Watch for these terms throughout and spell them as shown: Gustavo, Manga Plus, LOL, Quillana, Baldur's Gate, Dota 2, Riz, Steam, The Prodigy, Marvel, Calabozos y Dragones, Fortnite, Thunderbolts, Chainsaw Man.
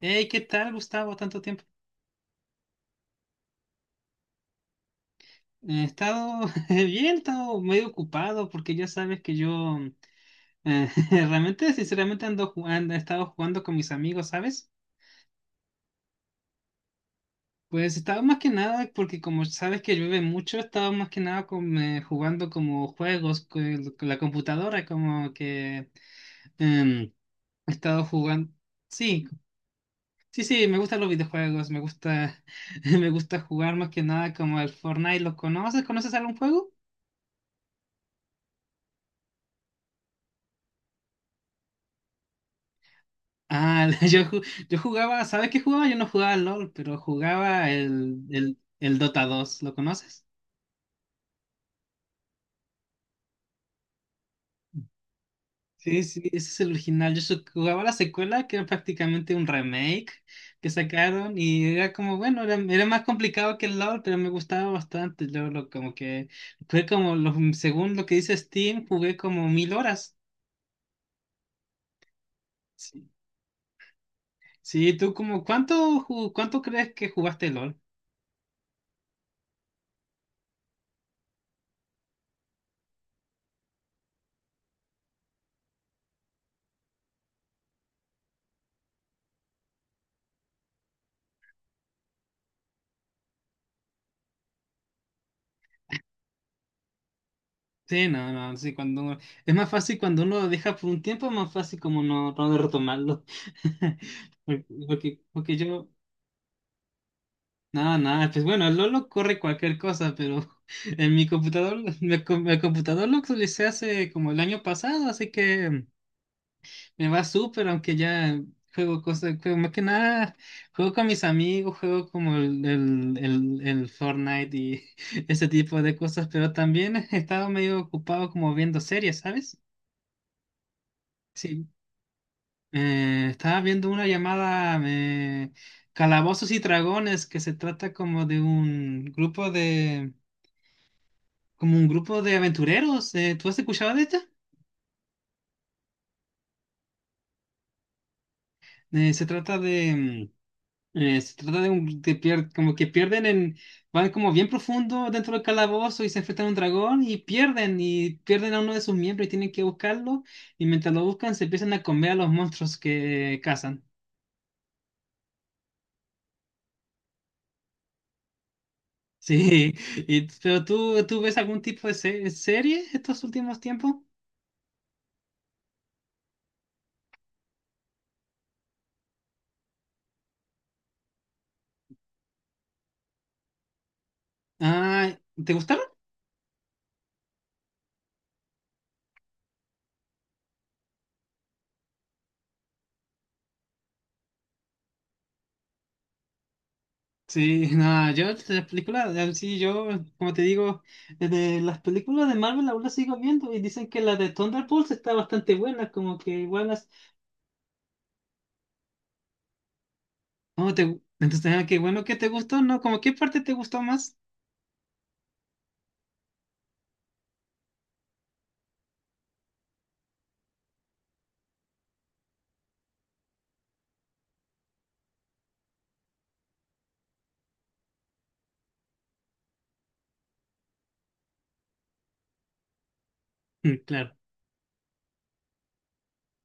Hey, ¿qué tal, Gustavo? Tanto tiempo. He estado bien, he estado medio ocupado porque ya sabes que yo eh, realmente, sinceramente, ando jugando, he estado jugando con mis amigos, ¿sabes? Pues estaba más que nada, porque como sabes que llueve mucho, estaba más que nada con, jugando como juegos con la computadora, como que em, he estado jugando. Sí, sí, sí, me gustan los videojuegos, me gusta, me gusta jugar más que nada como el Fortnite. ¿Lo conoces? ¿Conoces algún juego? Ah, yo jugaba, ¿sabes qué jugaba? Yo no jugaba al LOL, pero jugaba el Dota 2, ¿lo conoces? Sí, sí, ese es el original. Yo jugaba la secuela, que era prácticamente un remake que sacaron y era como, bueno, era más complicado que el LoL, pero me gustaba bastante. Yo lo, como que, fue como, según lo que dice Steam, jugué como 1000 horas. Sí, sí, ¿tú como cuánto crees que jugaste LoL? Sí, no, no, sí, cuando es más fácil cuando uno lo deja por un tiempo, es más fácil como no, no retomarlo. Porque yo, nada, nada, pues bueno, el Lolo corre cualquier cosa, pero en mi computador, mi computador lo actualicé hace como el año pasado, así que me va súper, aunque ya juego cosas, juego más que nada, juego con mis amigos, juego como el Fortnite y ese tipo de cosas, pero también he estado medio ocupado como viendo series, ¿sabes? Sí. Estaba viendo una llamada Calabozos y Dragones que se trata como de un grupo de como un grupo de aventureros. ¿Tú has escuchado de esta? Se trata de como que pierden en van como bien profundo dentro del calabozo y se enfrentan a un dragón y pierden a uno de sus miembros y tienen que buscarlo y mientras lo buscan se empiezan a comer a los monstruos que cazan. Sí, pero tú, ¿tú ves algún tipo de serie estos últimos tiempos? Ah, ¿te gustaron? Sí, nada, yo las películas, sí, yo, como te digo, de las películas de Marvel aún las sigo viendo y dicen que la de Thunderbolts está bastante buena, como que buenas. ¿Cómo te, entonces, qué bueno que te gustó, ¿no? ¿Cómo qué parte te gustó más? Mm, claro.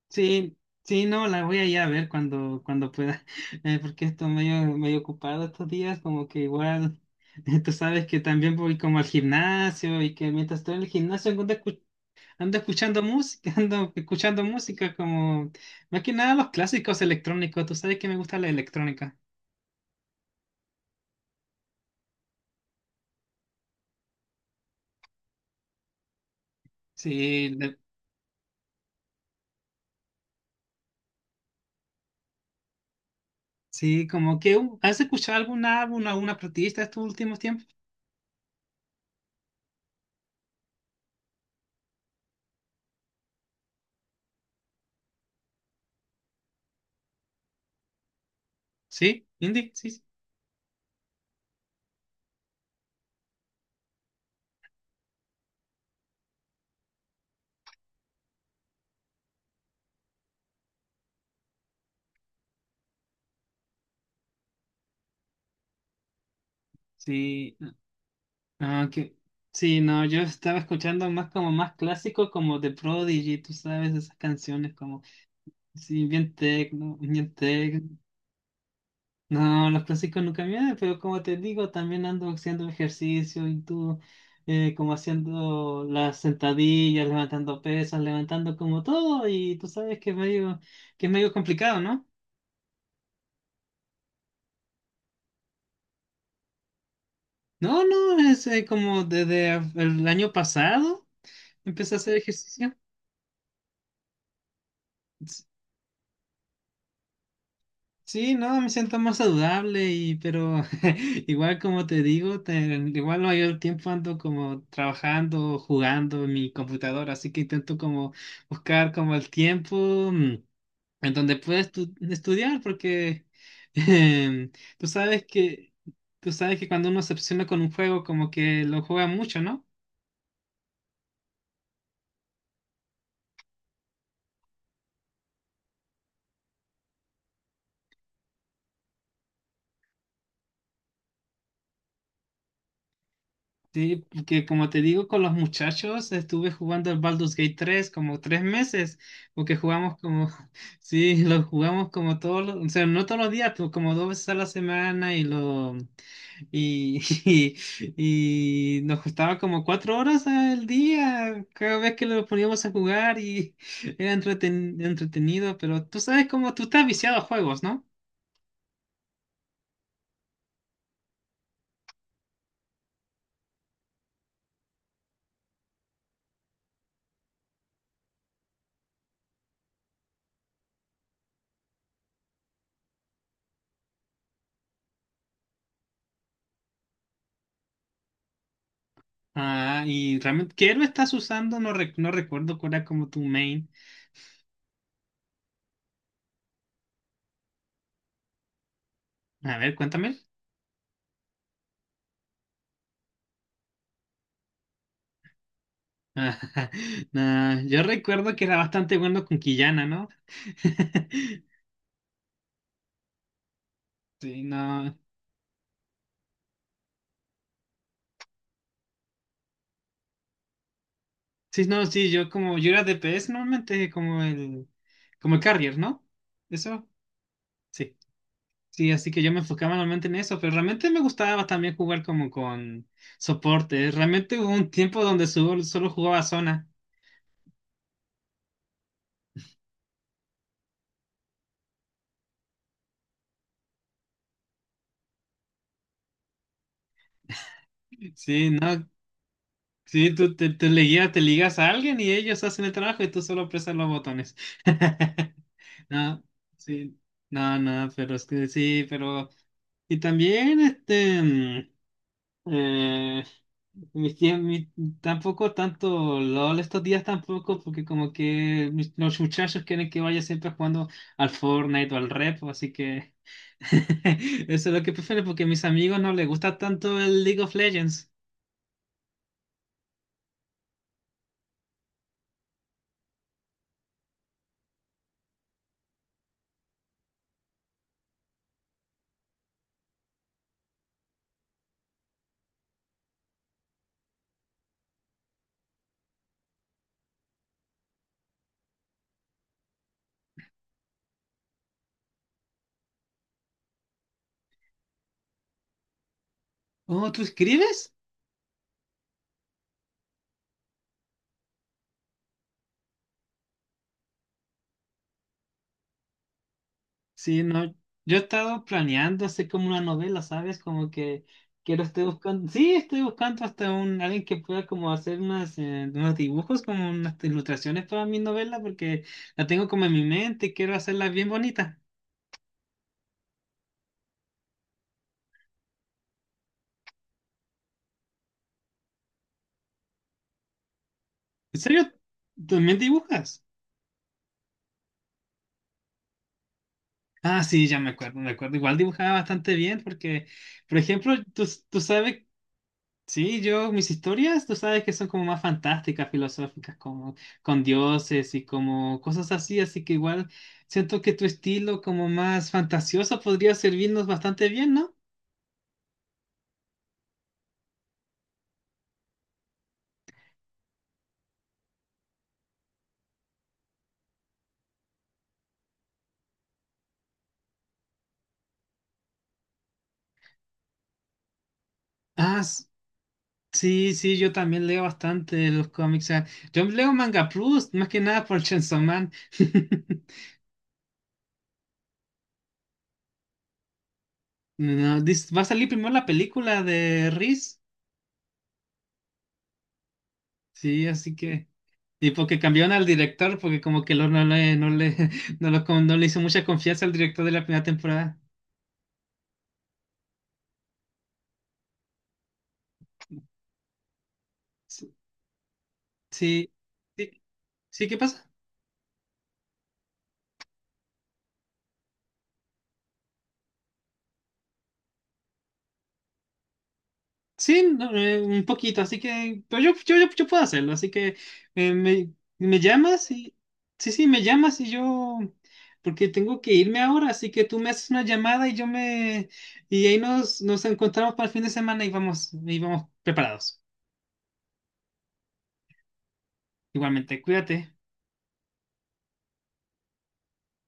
Sí, sí, no, la voy a ir a ver cuando, cuando pueda, porque estoy medio, medio ocupado estos días, como que igual, tú sabes que también voy como al gimnasio y que mientras estoy en el gimnasio ando, ando escuchando música, ando escuchando música como, más que nada los clásicos electrónicos, tú sabes que me gusta la electrónica. Sí, sí, como que, ¿has escuchado algún álbum, alguna artista estos últimos tiempos? Sí, indie, sí, sí. Sí. Ah, que sí, no, yo estaba escuchando más como más clásico, como The Prodigy, tú sabes, esas canciones como, sí, bien tecno, bien tecno. No, los clásicos nunca me dan, pero como te digo, también ando haciendo ejercicio y tú, como haciendo las sentadillas, levantando pesas, levantando como todo, y tú sabes que es medio complicado, ¿no? No, no, es como desde el año pasado empecé a hacer ejercicio. Sí, no, me siento más saludable y pero igual como te digo, igual no hay el tiempo ando como trabajando, jugando en mi computadora, así que intento como buscar como el tiempo mm, en donde pueda estudiar porque em, tú sabes que tú sabes que cuando uno se obsesiona con un juego como que lo juega mucho, ¿no? Sí, porque como te digo, con los muchachos estuve jugando el Baldur's Gate 3 como 3 meses, porque jugamos como, sí, lo jugamos como todos los, o sea, no todos los días, pero como 2 veces a la semana y lo, y, y nos costaba como 4 horas al día cada vez que lo poníamos a jugar y era entretenido, pero tú sabes cómo tú estás viciado a juegos, ¿no? Ah, y realmente, ¿qué héroe estás usando? No, no recuerdo cuál era como tu main. A ver, cuéntame. Ah, nah, yo recuerdo que era bastante bueno con Quillana, ¿no? Sí, no. Sí, no, sí, yo como yo era DPS normalmente como el carrier, ¿no? Eso, sí. Sí, así que yo me enfocaba normalmente en eso, pero realmente me gustaba también jugar como con soporte. Realmente hubo un tiempo donde solo, solo jugaba zona. Sí, no. Sí, tú te, te ligas a alguien y ellos hacen el trabajo y tú solo presas los botones. No, sí, no, no, pero es que sí, pero... Y también, eh, mi tie- mi- tampoco tanto LOL estos días tampoco, porque como que los muchachos quieren que vaya siempre jugando al Fortnite o al Rep, así que eso es lo que prefiero, porque a mis amigos no les gusta tanto el League of Legends. Oh, ¿tú escribes? Sí, no, yo he estado planeando hacer como una novela, ¿sabes? Como que quiero, estoy buscando, sí, estoy buscando hasta alguien que pueda como hacer unas, unos dibujos, como unas ilustraciones para mi novela, porque la tengo como en mi mente y quiero hacerla bien bonita. ¿En serio? ¿También dibujas? Ah, sí, ya me acuerdo, me acuerdo. Igual dibujaba bastante bien porque, por ejemplo, tú sabes. Sí, yo, mis historias, tú sabes que son como más fantásticas, filosóficas, como con dioses y como cosas así, así que igual siento que tu estilo como más fantasioso podría servirnos bastante bien, ¿no? Ah, sí, sí, yo también leo bastante los cómics. Yo leo Manga Plus, más que nada por Chainsaw Man. No, va a salir primero la película de Riz. Sí, así que. Y porque cambiaron al director, porque como que no le hizo mucha confianza al director de la primera temporada. Sí, sí, sí, sí, ¿qué pasa? Sí, no, un poquito, así que, pero yo puedo hacerlo, así que me llamas y, sí, sí, me llamas y yo, porque tengo que irme ahora, así que tú me haces una llamada y yo me, y ahí nos encontramos para el fin de semana y vamos, preparados. Igualmente, cuídate.